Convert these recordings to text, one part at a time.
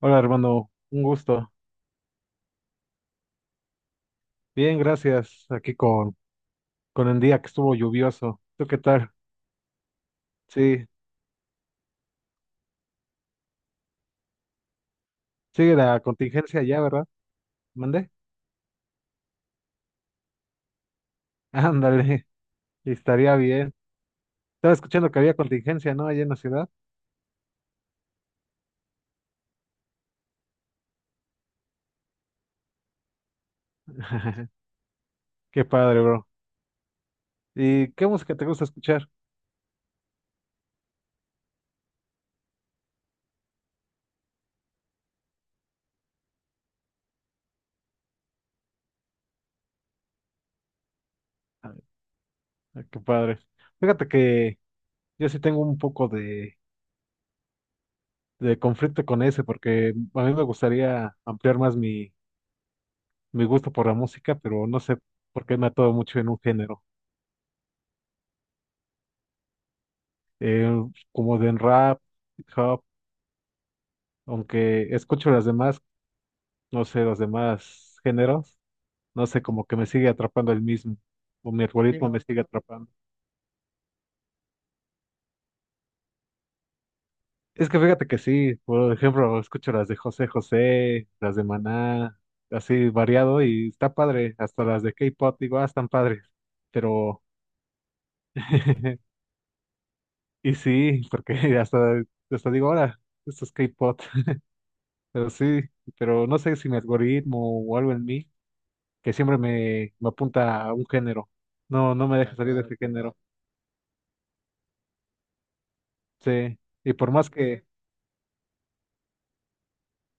Hola, hermano, un gusto. Bien, gracias. Aquí con el día que estuvo lluvioso. ¿Tú qué tal? Sí, sigue la contingencia allá, ¿verdad? ¿Mandé? Ándale, estaría bien. Estaba escuchando que había contingencia, ¿no? Allá en la ciudad. Qué padre, bro. ¿Y qué música te gusta escuchar? Ah, qué padre. Fíjate que yo sí tengo un poco de conflicto con ese, porque a mí me gustaría ampliar más mi, mi gusto por la música, pero no sé por qué me atoro mucho en un género. eh, Como de en rap, hip hop, aunque escucho las demás, no sé, los demás géneros, no sé, como que me sigue atrapando el mismo, o mi sí, algoritmo me no sigue atrapando. Es que fíjate que sí, por ejemplo, escucho las de José José, las de Maná, así variado y está padre, hasta las de K-pop, digo, ah, están padres, pero, y sí, porque hasta, hasta digo, ahora, esto es K-pop, pero sí, pero no sé si mi algoritmo o algo en mí que siempre me, me apunta a un género. No, no me ah, deja salir de claro, ese claro género. Sí. Y por más que.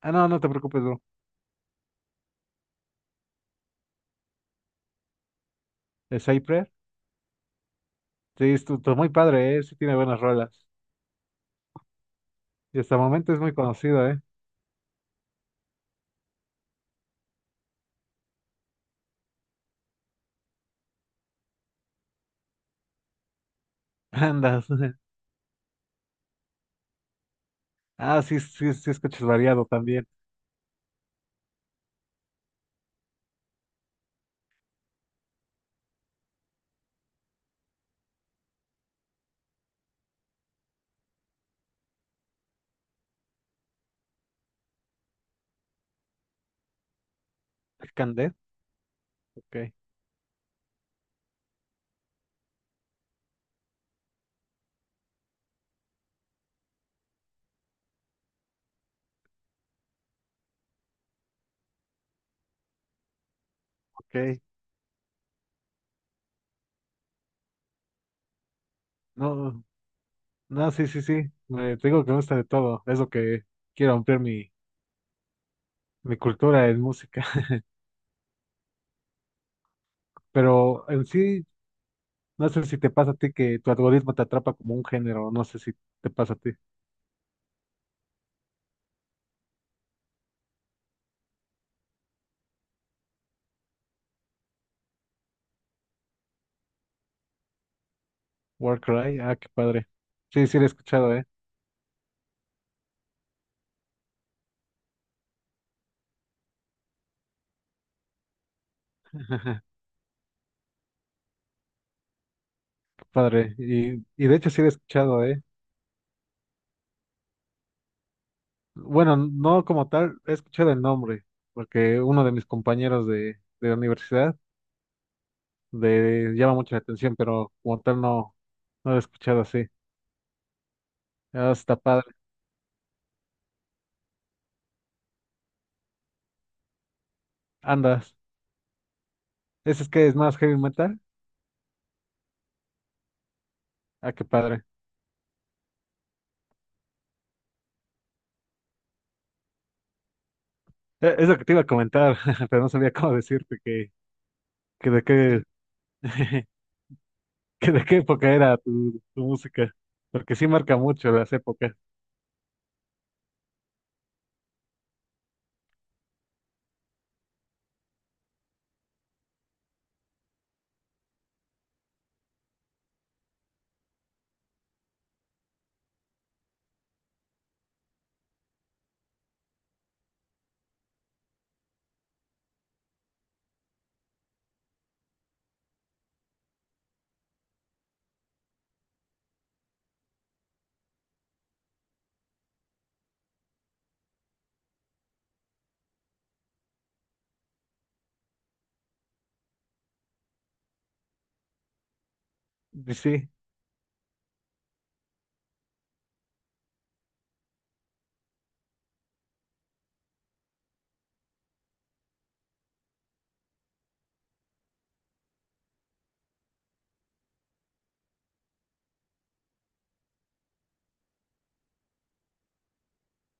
Ah, no, no te preocupes, bro. El Cypher. Sí, es muy padre, ¿eh? Sí tiene buenas rolas. Y hasta el momento es muy conocido, ¿eh? Andas. Ah, sí, sí, sí, escuchas variado también. Candé. Ok, ok. No, no, sí, sí, sí. Me, te digo que me gusta de todo. Es lo que quiero ampliar mi, mi cultura en música. Pero en sí, no sé si te pasa a ti que tu algoritmo te atrapa como un género. No sé si te pasa a ti. Warcry, ah, qué padre. Sí, sí lo he escuchado, ¿eh? Qué padre. Y de hecho sí lo he escuchado, ¿eh? Bueno, no como tal, he escuchado el nombre, porque uno de mis compañeros de la universidad le llama mucho la atención, pero como tal no, no lo he escuchado así. Ah, está padre. Andas. ¿Ese es que es más heavy metal? Ah, qué padre. Es lo que te iba a comentar, pero no sabía cómo decirte que de qué, que de qué época era tu, tu música, porque sí marca mucho las épocas. Y sí,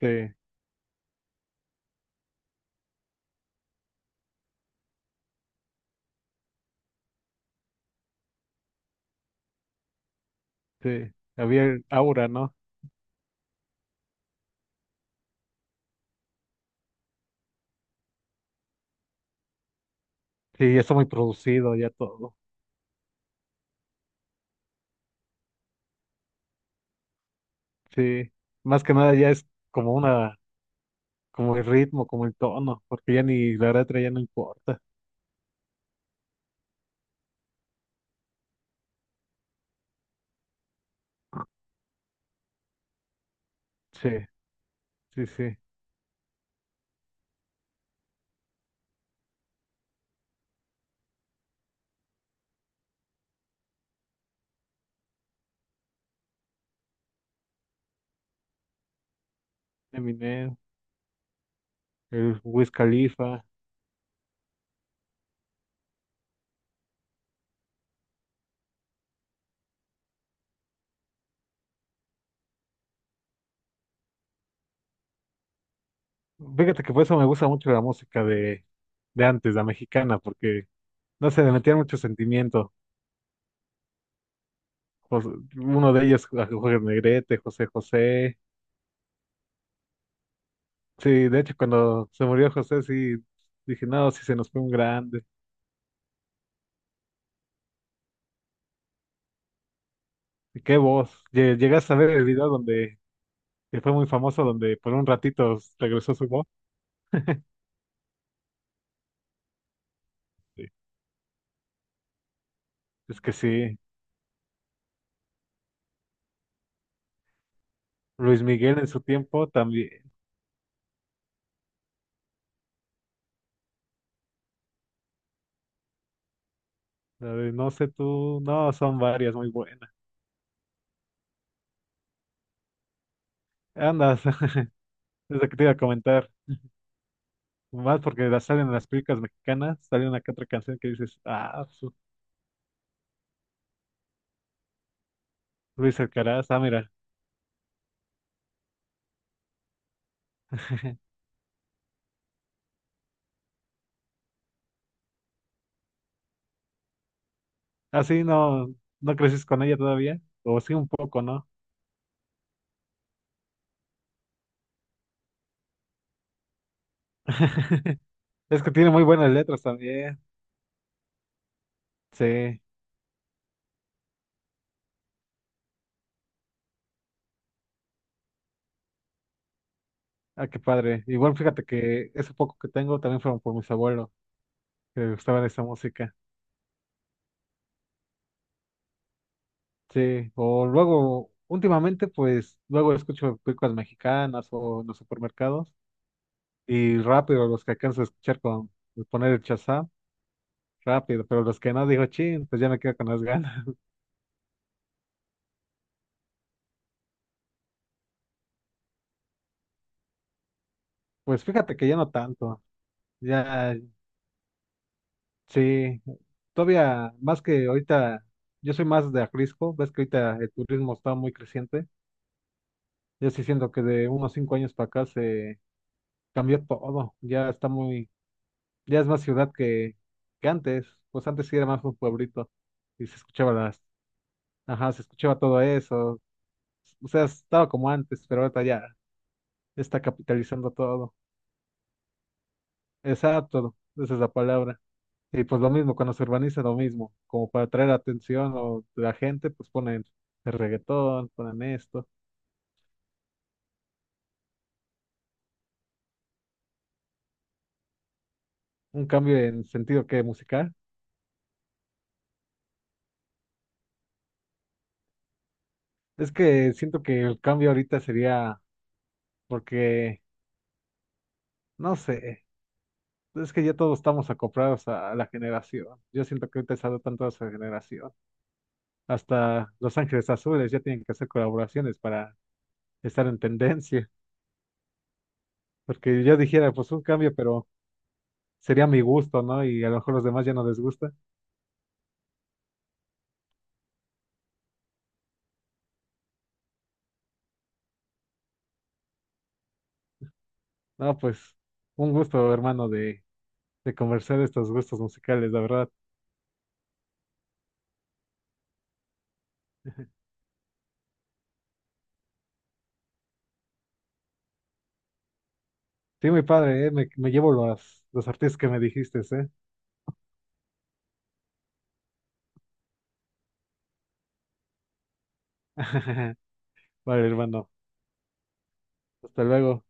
sí, sí, había el aura, ¿no? Sí, ya está muy producido, ya todo. Sí, más que nada ya es como una, como el ritmo, como el tono, porque ya ni la letra ya no importa. Sí, sí, sí. Eminem, el Wiz Khalifa. Fíjate que por eso me gusta mucho la música de antes, la mexicana, porque no sé, le metían mucho sentimiento. Jos- Uno de ellos, ah, Jorge Negrete, José José. Sí, de hecho, cuando se murió José, sí, dije, no, sí se nos fue un grande. ¿Y qué voz? ¿Llegaste a ver el video donde que fue muy famoso, donde por un ratito regresó su voz? Sí. Es que sí, Luis Miguel en su tiempo también. A ver, no sé tú, no, son varias muy buenas. Andas, es lo que te iba a comentar. Más porque las salen en las películas mexicanas, sale una que otra canción que dices, ah, su- Luis Alcaraz, ah, mira. Así no, no creces con ella todavía, o sí un poco, ¿no? Es que tiene muy buenas letras también. Sí. Ah, qué padre. Igual fíjate que ese poco que tengo también fueron por mis abuelos, que les gustaba esa música. Sí, o luego, últimamente, pues, luego escucho películas mexicanas o en los supermercados y rápido los que alcanzo a escuchar con poner el Shazam, rápido, pero los que no digo, chin, pues ya me quedo con las ganas. Pues fíjate que ya no tanto, ya, sí, todavía más que ahorita, yo soy más de Acrisco, ves que ahorita el turismo está muy creciente. Yo sí siento que de unos 5 años para acá se cambió todo, ya está muy, ya es más ciudad que antes, pues antes sí era más un pueblito y se escuchaba las, ajá, se escuchaba todo eso, o sea, estaba como antes, pero ahorita ya está capitalizando todo, exacto, esa es la palabra. Y pues lo mismo, cuando se urbaniza lo mismo, como para atraer atención o la gente, pues ponen el reggaetón, ponen esto, un cambio en sentido que musical. Es que siento que el cambio ahorita sería porque, no sé. Pues, es que ya todos estamos acomprados a, la generación. Yo siento que ahorita se ha dado tanto a esa generación. Hasta Los Ángeles Azules ya tienen que hacer colaboraciones para estar en tendencia. Porque yo dijera, pues un cambio, pero sería mi gusto, ¿no? Y a lo mejor los demás ya no les gusta. No, pues un gusto, hermano, de conversar de estos gustos musicales, la verdad. Sí, muy padre, ¿eh? Me llevo los artistas que me dijiste, ¿eh? Vale, hermano. Hasta luego.